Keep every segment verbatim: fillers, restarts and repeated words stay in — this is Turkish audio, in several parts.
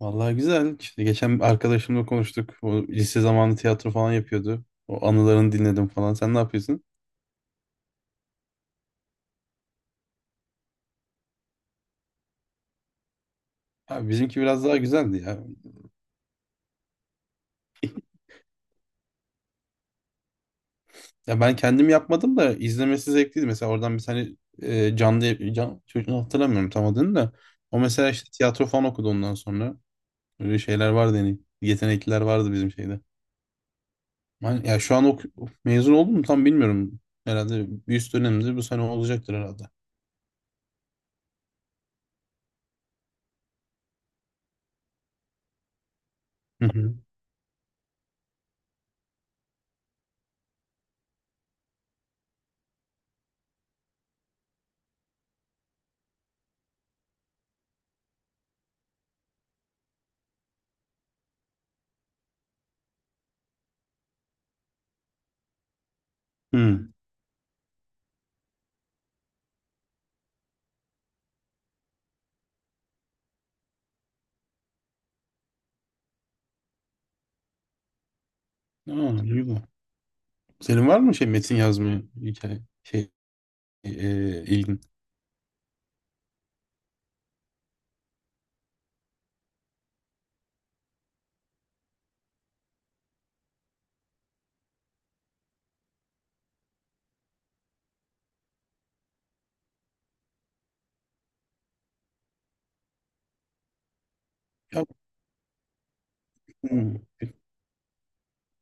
Vallahi güzel. İşte geçen bir arkadaşımla konuştuk. O lise zamanı tiyatro falan yapıyordu. O anılarını dinledim falan. Sen ne yapıyorsun? Abi bizimki biraz daha güzeldi ya. Ya ben kendim yapmadım da izlemesi zevkliydi. Mesela oradan bir tane e, canlı can, çocuğunu hatırlamıyorum tam adını da. O mesela işte tiyatro falan okudu ondan sonra. Öyle şeyler vardı yani. Yetenekliler vardı bizim şeyde. Ben- ya şu an ok mezun oldum mu tam bilmiyorum. Herhalde bir üst dönemde bu sene olacaktır herhalde. Hı hı. Hı. Aa, iyi bak. Senin var mı şey metin yazmaya hikaye şey e, ilgin? Ya, hmm,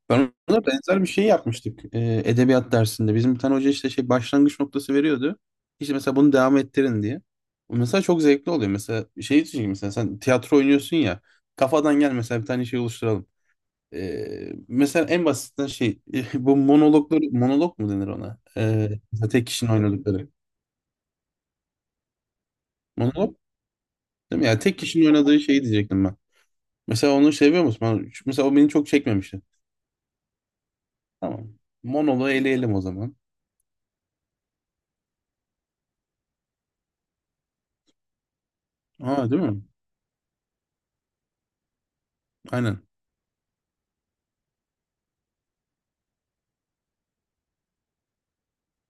ben ona benzer bir şey yapmıştık, e, edebiyat dersinde. Bizim bir tane hoca işte şey başlangıç noktası veriyordu. İşte mesela bunu devam ettirin diye. Mesela çok zevkli oluyor. Mesela şey için mesela sen tiyatro oynuyorsun ya, kafadan gel mesela bir tane şey oluşturalım. E, mesela en basitinden şey bu monologları monolog mu denir ona? E, mesela tek kişinin oynadıkları. Monolog değil mi? Yani tek kişinin oynadığı şeyi diyecektim ben. Mesela onu seviyor musun? Ben- mesela o beni çok çekmemişti. Tamam. Monolu eleyelim o zaman. Aa, değil mi? Aynen.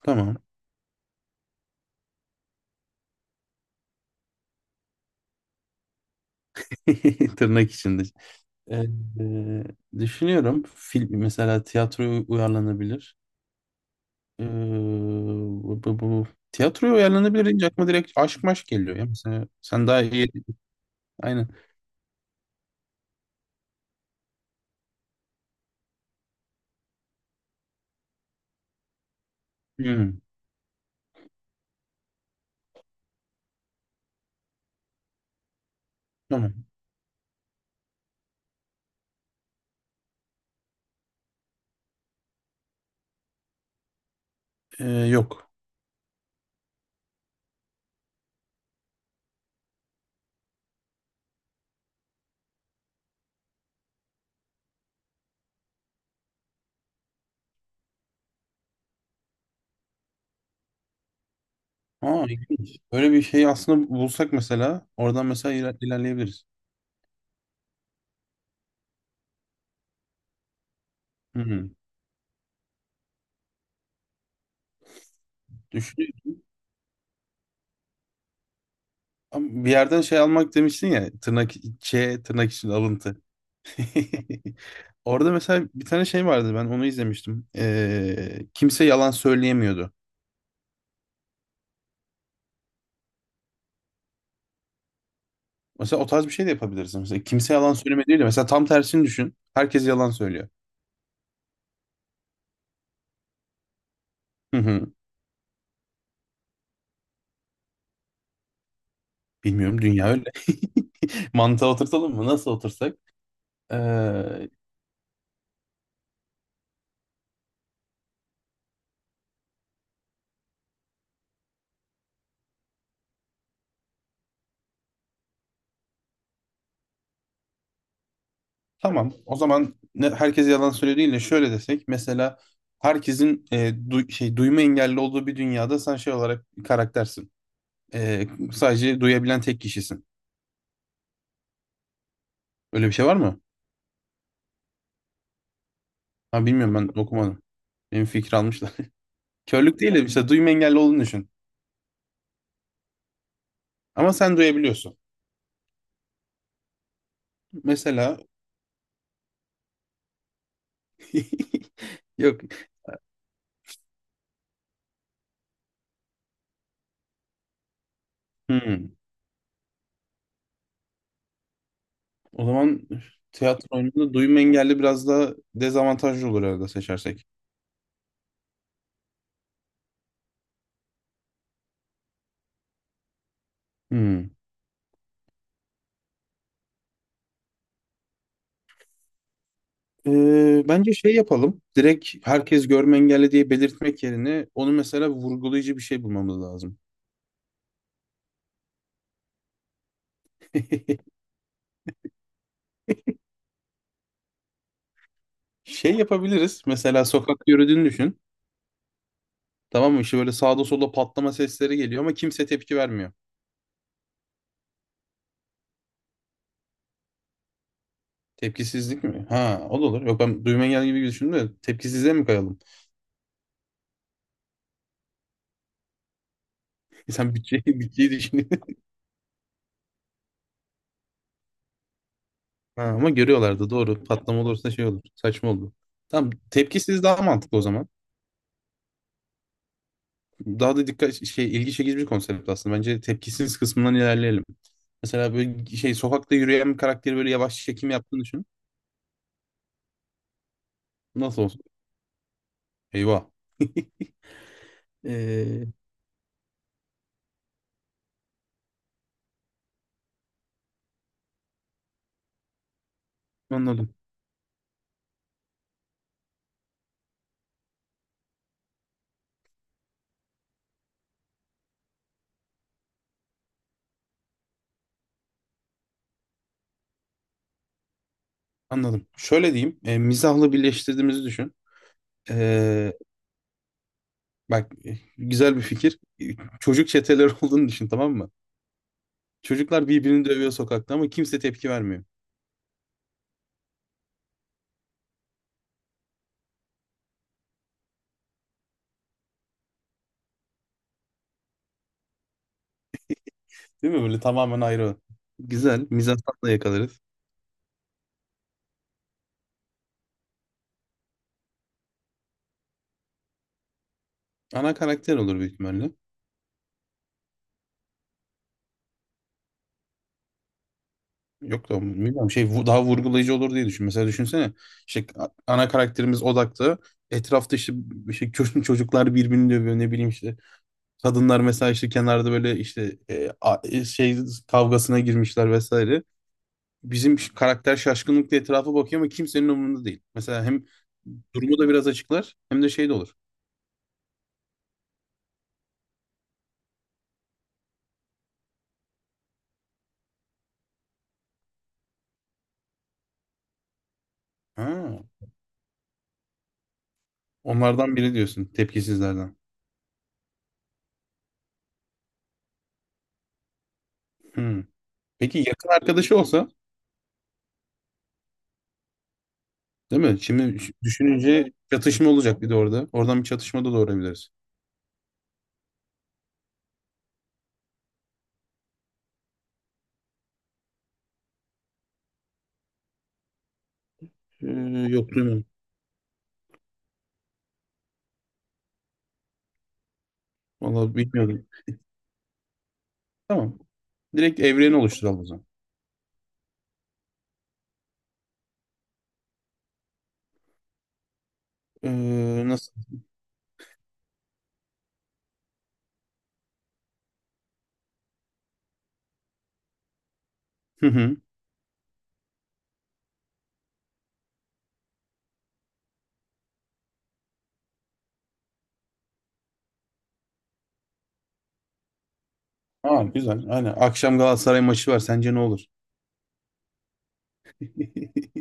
Tamam. Tırnak içinde. Ee, e, düşünüyorum. Film mesela tiyatroya uyarlanabilir. Ee, bu, bu, bu- tiyatroya uyarlanabilir deyince aklıma direkt aşk maşk geliyor ya. Mesela sen daha iyi. Aynen. Hmm, tamam. Ee, yok. Aa, ilginç. Böyle bir şey aslında bulsak mesela oradan mesela iler- ilerleyebiliriz. Hı hı. Ama bir yerden şey almak demiştin ya, tırnak Ç tırnak için alıntı. Orada mesela bir tane şey vardı, ben onu izlemiştim. Ee, kimse yalan söyleyemiyordu. Mesela o tarz bir şey de yapabiliriz. Mesela kimse yalan söyleme değil de mesela tam tersini düşün. Herkes yalan söylüyor. Hı hı. Bilmiyorum, dünya öyle. Mantığa oturtalım mı? Nasıl otursak? Ee, tamam. O zaman ne, herkes yalan söylüyor değil de şöyle desek. Mesela herkesin e, du- şey duyma engelli olduğu bir dünyada sen şey olarak bir karaktersin. Ee, sadece duyabilen tek kişisin. Öyle bir şey var mı? Ha, bilmiyorum, ben okumadım. Benim fikri almışlar. Körlük değil de işte duyma engelli olduğunu düşün. Ama sen duyabiliyorsun. Mesela yok. Hmm. O zaman tiyatro oyununda duyma engelli biraz daha dezavantajlı olur herhalde seçersek. Hmm. Ee, bence şey yapalım. Direkt herkes görme engelli diye belirtmek yerine onu mesela vurgulayıcı bir şey bulmamız lazım. Şey yapabiliriz. Mesela sokak yürüdüğünü düşün. Tamam mı? İşte böyle sağda solda patlama sesleri geliyor ama kimse tepki vermiyor. Tepkisizlik mi? Ha, o da olur. Yok, ben duyma engel gibi düşündüm de tepkisizliğe mi kayalım? İnsan bütçeyi, bütçeyi düşünüyor. Ha, ama görüyorlardı, doğru. Patlama olursa şey olur. Saçma oldu. Tamam, tepkisiz daha mantıklı o zaman. Daha da dikkat şey ilgi çekici bir konsept aslında. Bence tepkisiz kısmından ilerleyelim. Mesela böyle şey sokakta yürüyen bir karakteri böyle yavaş çekim yaptığını düşün. Nasıl olsun? Eyvah. Ee, anladım. Anladım. Şöyle diyeyim. E, mizahla birleştirdiğimizi düşün. Ee, bak, güzel bir fikir. Çocuk çeteler olduğunu düşün, tamam mı? Çocuklar birbirini dövüyor sokakta ama kimse tepki vermiyor. Değil mi? Böyle tamamen ayrı. Güzel. Mizanstan yakalarız. Ana karakter olur büyük ihtimalle. Yok da bilmiyorum şey vu- daha vurgulayıcı olur diye düşün. Mesela düşünsene işte a- ana karakterimiz odakta. Etrafta işte bir şey çocuk- çocuklar birbirini dövüyor ne bileyim işte. Kadınlar mesela işte kenarda böyle işte e, a- e, şey kavgasına girmişler vesaire. Bizim ş- karakter şaşkınlıkla etrafa bakıyor ama kimsenin umurunda değil. Mesela hem durumu da biraz açıklar hem de şey de olur. Ha, onlardan biri diyorsun, tepkisizlerden. Hmm. Peki yakın arkadaşı olsa, değil mi? Şimdi ş- düşününce çatışma olacak bir de orada. Oradan bir çatışma da doğurabiliriz. Ee, yok, duymadım. Vallahi bilmiyordum. Tamam. Direkt evreni oluşturalım o zaman. Ee, nasıl? Hı hı. Aa, güzel. Aynen. Akşam Galatasaray maçı var. Sence ne olur?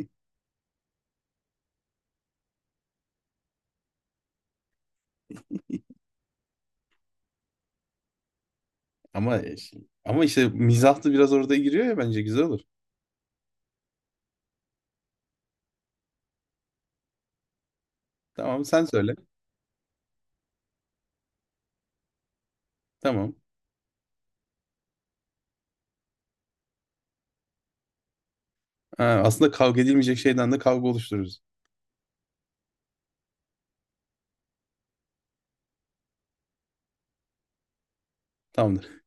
Ama ama işte mizah da biraz orada giriyor ya, bence güzel olur. Tamam, sen söyle. Tamam. Ha, aslında kavga edilmeyecek şeyden de kavga oluştururuz. Tamamdır.